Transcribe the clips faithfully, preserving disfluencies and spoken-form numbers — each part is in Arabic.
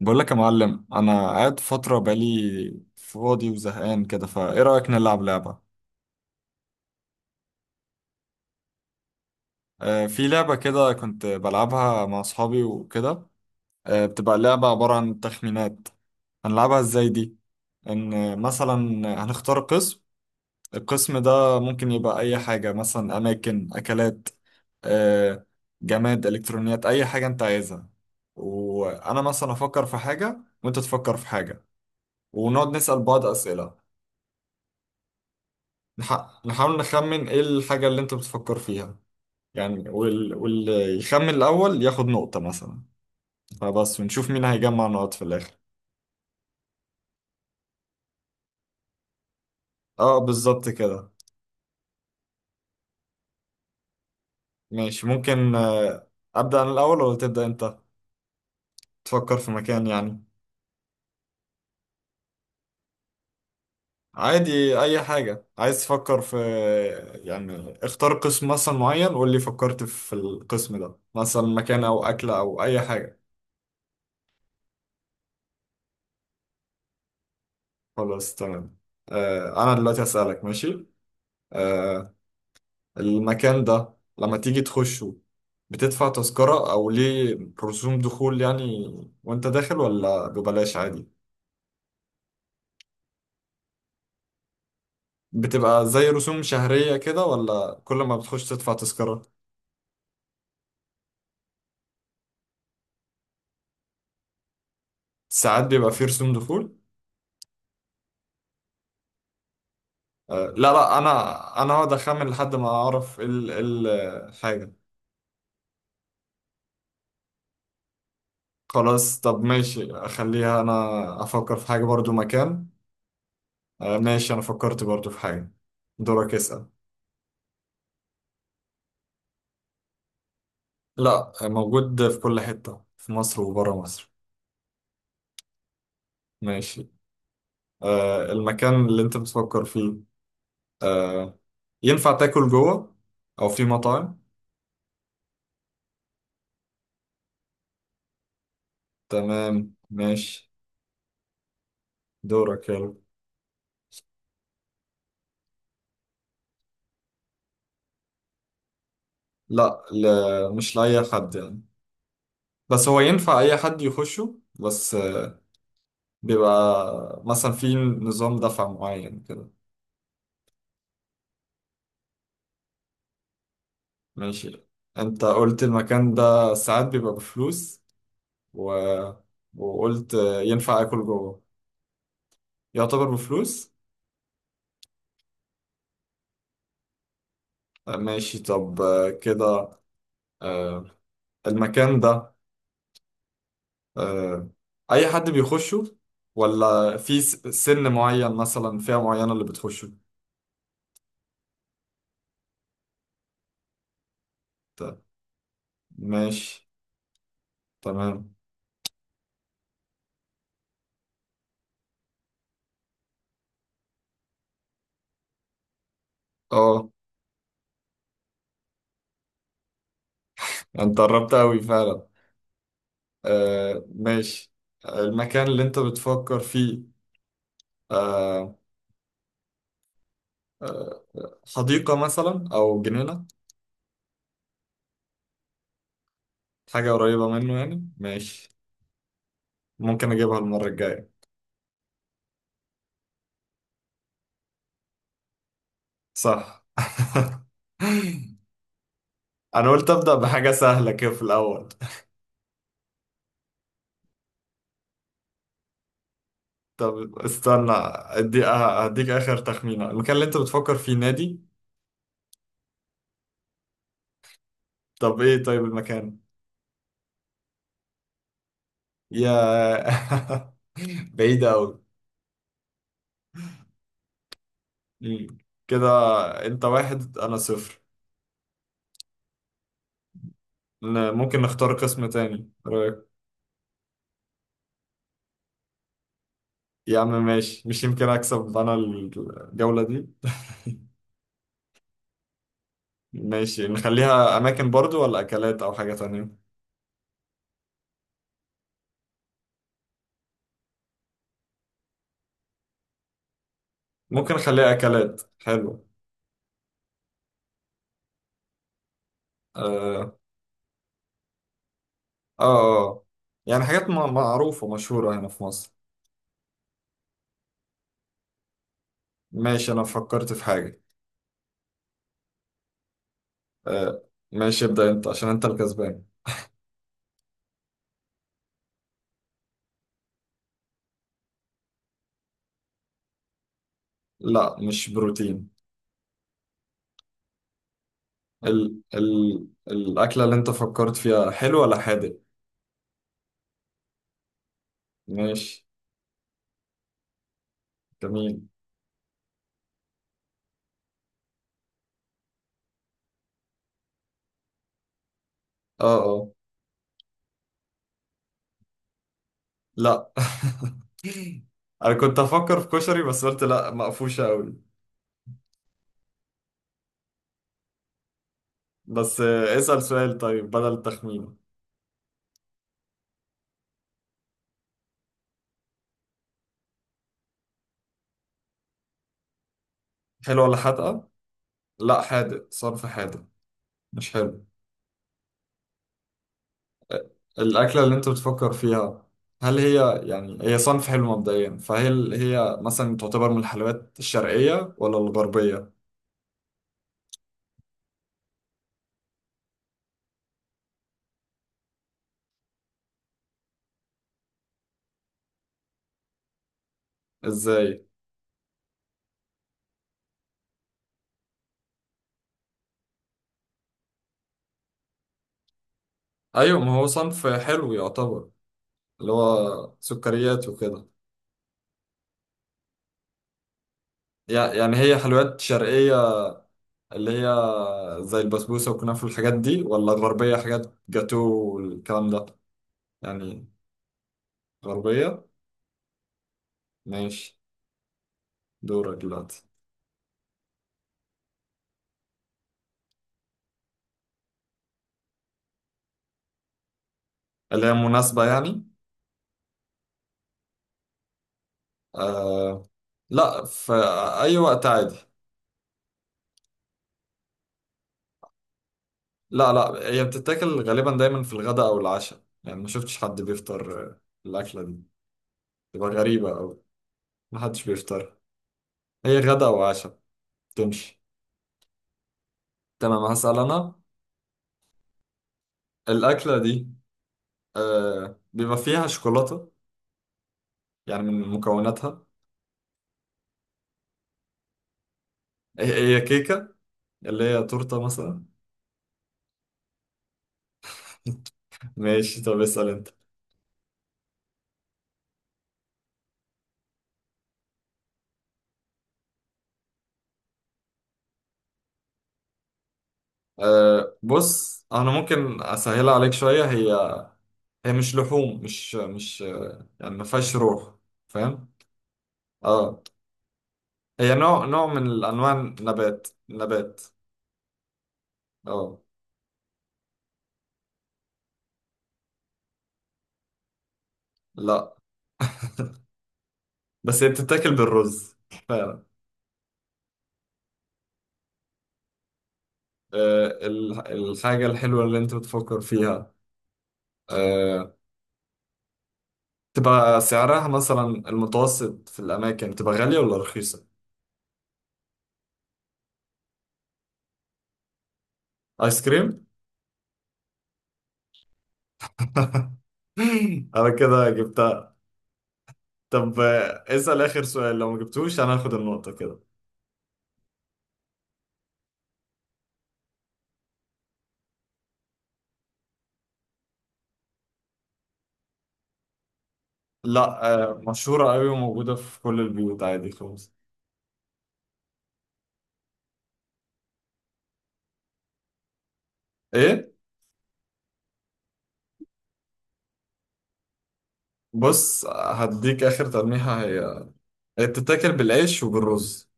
بقول لك يا معلم، انا قاعد فتره بقالي فاضي وزهقان كده، فايه رايك نلعب لعبه؟ آه في لعبه كده كنت بلعبها مع اصحابي وكده. آه بتبقى لعبه عباره عن تخمينات. هنلعبها ازاي دي؟ ان آه، مثلا هنختار قسم. القسم ده ممكن يبقى اي حاجه، مثلا اماكن، اكلات، آه، جماد، الكترونيات، اي حاجه انت عايزها. وانا مثلا افكر في حاجه وانت تفكر في حاجه ونقعد نسال بعض اسئله. نح- نحاول نخمن ايه الحاجة اللي انت بتفكر فيها. يعني وال... واللي يخمن الأول ياخد نقطة مثلا. فبس، ونشوف مين هيجمع نقط في الآخر. اه بالظبط كده. ماشي ممكن. آه، أبدأ أنا الأول ولا تبدأ أنت؟ تفكر في مكان يعني. عادي أي حاجة عايز تفكر في. يعني اختار قسم مثلا معين، قول لي فكرت في القسم ده، مثلا مكان أو أكلة أو أي حاجة. خلاص تمام. آه، أنا دلوقتي أسألك، ماشي؟ آه، المكان ده لما تيجي تخشه بتدفع تذكرة أو ليه؟ رسوم دخول يعني، وأنت داخل، ولا ببلاش عادي؟ بتبقى زي رسوم شهرية كده، ولا كل ما بتخش تدفع تذكرة؟ ساعات بيبقى فيه رسوم دخول. آه، لا لا أنا، أنا هقعد أخمن لحد ما أعرف إيه ال إيه ال حاجة. خلاص طب ماشي، أخليها أنا أفكر في حاجة برضو، مكان. آه، ماشي أنا فكرت برضو في حاجة. دورك اسأل. لا، موجود في كل حتة في مصر وبره مصر. ماشي. آه المكان اللي انت بتفكر فيه، آه، ينفع تاكل جوه او في مطاعم؟ تمام ماشي. دورك يلا. لا لا مش لأي حد يعني، بس هو ينفع اي حد يخشه، بس آه، بيبقى مثلا في نظام دفع معين كده. ماشي. انت قلت المكان ده ساعات بيبقى بفلوس، و... وقلت آه، ينفع اكل جوه. يعتبر بفلوس. آه، ماشي طب، آه، كده، آه، المكان ده، آه، اي حد بيخشه، ولا في س- سن معين، مثلا فئة معينة اللي بتخشه؟ ت- ماشي تمام. اه انت قربت قوي فعلا. آه، ماشي، المكان اللي انت بتفكر فيه، آه، آه، حديقة مثلا او جنينة؟ حاجة قريبة منه يعني، ماشي، ممكن اجيبها المرة الجاية. صح. انا قلت ابدأ بحاجة سهلة كده في الاول. طب استنى، ادي هديك اخر تخمينه، المكان اللي انت بتفكر فيه نادي؟ طب ايه طيب المكان؟ يا. بعيد قوي كده. انت واحد انا صفر. ن- ممكن نختار قسم تاني، رايك؟ يا عم ماشي، مش يمكن اكسب انا الجولة دي. ماشي، نخليها اماكن برضو، ولا اكلات او حاجة تانية؟ ممكن نخليها اكلات، حلو. اه اه. آه. يعني حاجات م- معروفة مشهورة هنا في مصر. ماشي انا فكرت في حاجة. آه، ماشي ابدأ انت عشان انت الكسبان. لا مش بروتين. ال ال الأكلة اللي انت فكرت فيها حلو ولا حادق؟ ماشي، جميل. اه اه. لا. انا كنت افكر في كشري بس قلت لا، مقفوشة قوي. بس آه، اسأل سؤال طيب بدل التخمين. حلو ولا حادقة؟ لا حادق صرف، حادق، مش حلو. آه، الأكلة اللي انت بتفكر فيها، هل هي يعني هي صنف حلو مبدئيا، فهل هي مثلا تعتبر من الحلويات الشرقية ولا الغربية؟ ازاي؟ ايوه ما هو صنف حلو يعتبر، اللي هو سكريات وكده. يع- يعني هي حلويات شرقية، اللي هي زي البسبوسة والكنافة والحاجات دي، ولا غربية حاجات جاتو والكلام ده؟ يعني غربية؟ ماشي. دورك دلوقتي. اللي هي مناسبة يعني؟ آه لا، في أي وقت عادي. لا لا هي بتتاكل غالبا دايما في الغداء أو العشاء، يعني ما شفتش حد بيفطر آه، الأكلة دي، تبقى غريبة أوي. محدش بيفطر، هي غدا وعشاء. تمشي؟ تمام هسأل أنا. الأكلة دي آه بيبقى فيها شوكولاتة، يعني من مكوناتها؟ هي هي كيكة، اللي هي تورتة مثلا؟ ماشي طب اسأل أنت. آه بص أنا ممكن أسهلها عليك شوية، هي هي مش لحوم، مش مش آه، يعني ما فيهاش روح. فاهم؟ اه، هي نوع نوع من أنواع النبات، نبات. اه. لا بس هي بتتاكل بالرز. فعلا. آه ال- الحاجة الحلوة اللي أنت بتفكر فيها، آه، تبقى سعرها مثلا المتوسط في الأماكن تبقى غالية ولا رخيصة؟ آيس كريم؟ أنا كده جبتها. طب آه، اسأل آخر سؤال، لو ما جبتوش أنا هاخد النقطة كده. لا آه، مشهورة أوي وموجودة في كل البيوت عادي خالص. إيه؟ بص هديك آخر تلميحة، هي هي بتتاكل بالعيش وبالرز.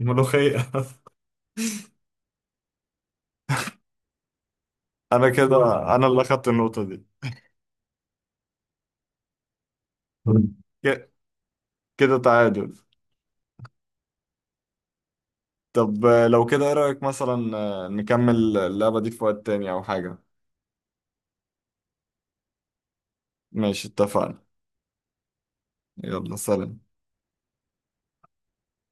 ملوخية. أنا كده، أنا اللي أخدت النقطة دي. ك- كده تعادل. طب آه، لو كده ايه رأيك، مثلا آه، نكمل اللعبة دي في وقت تاني او حاجة؟ ماشي اتفقنا. يلا سلام.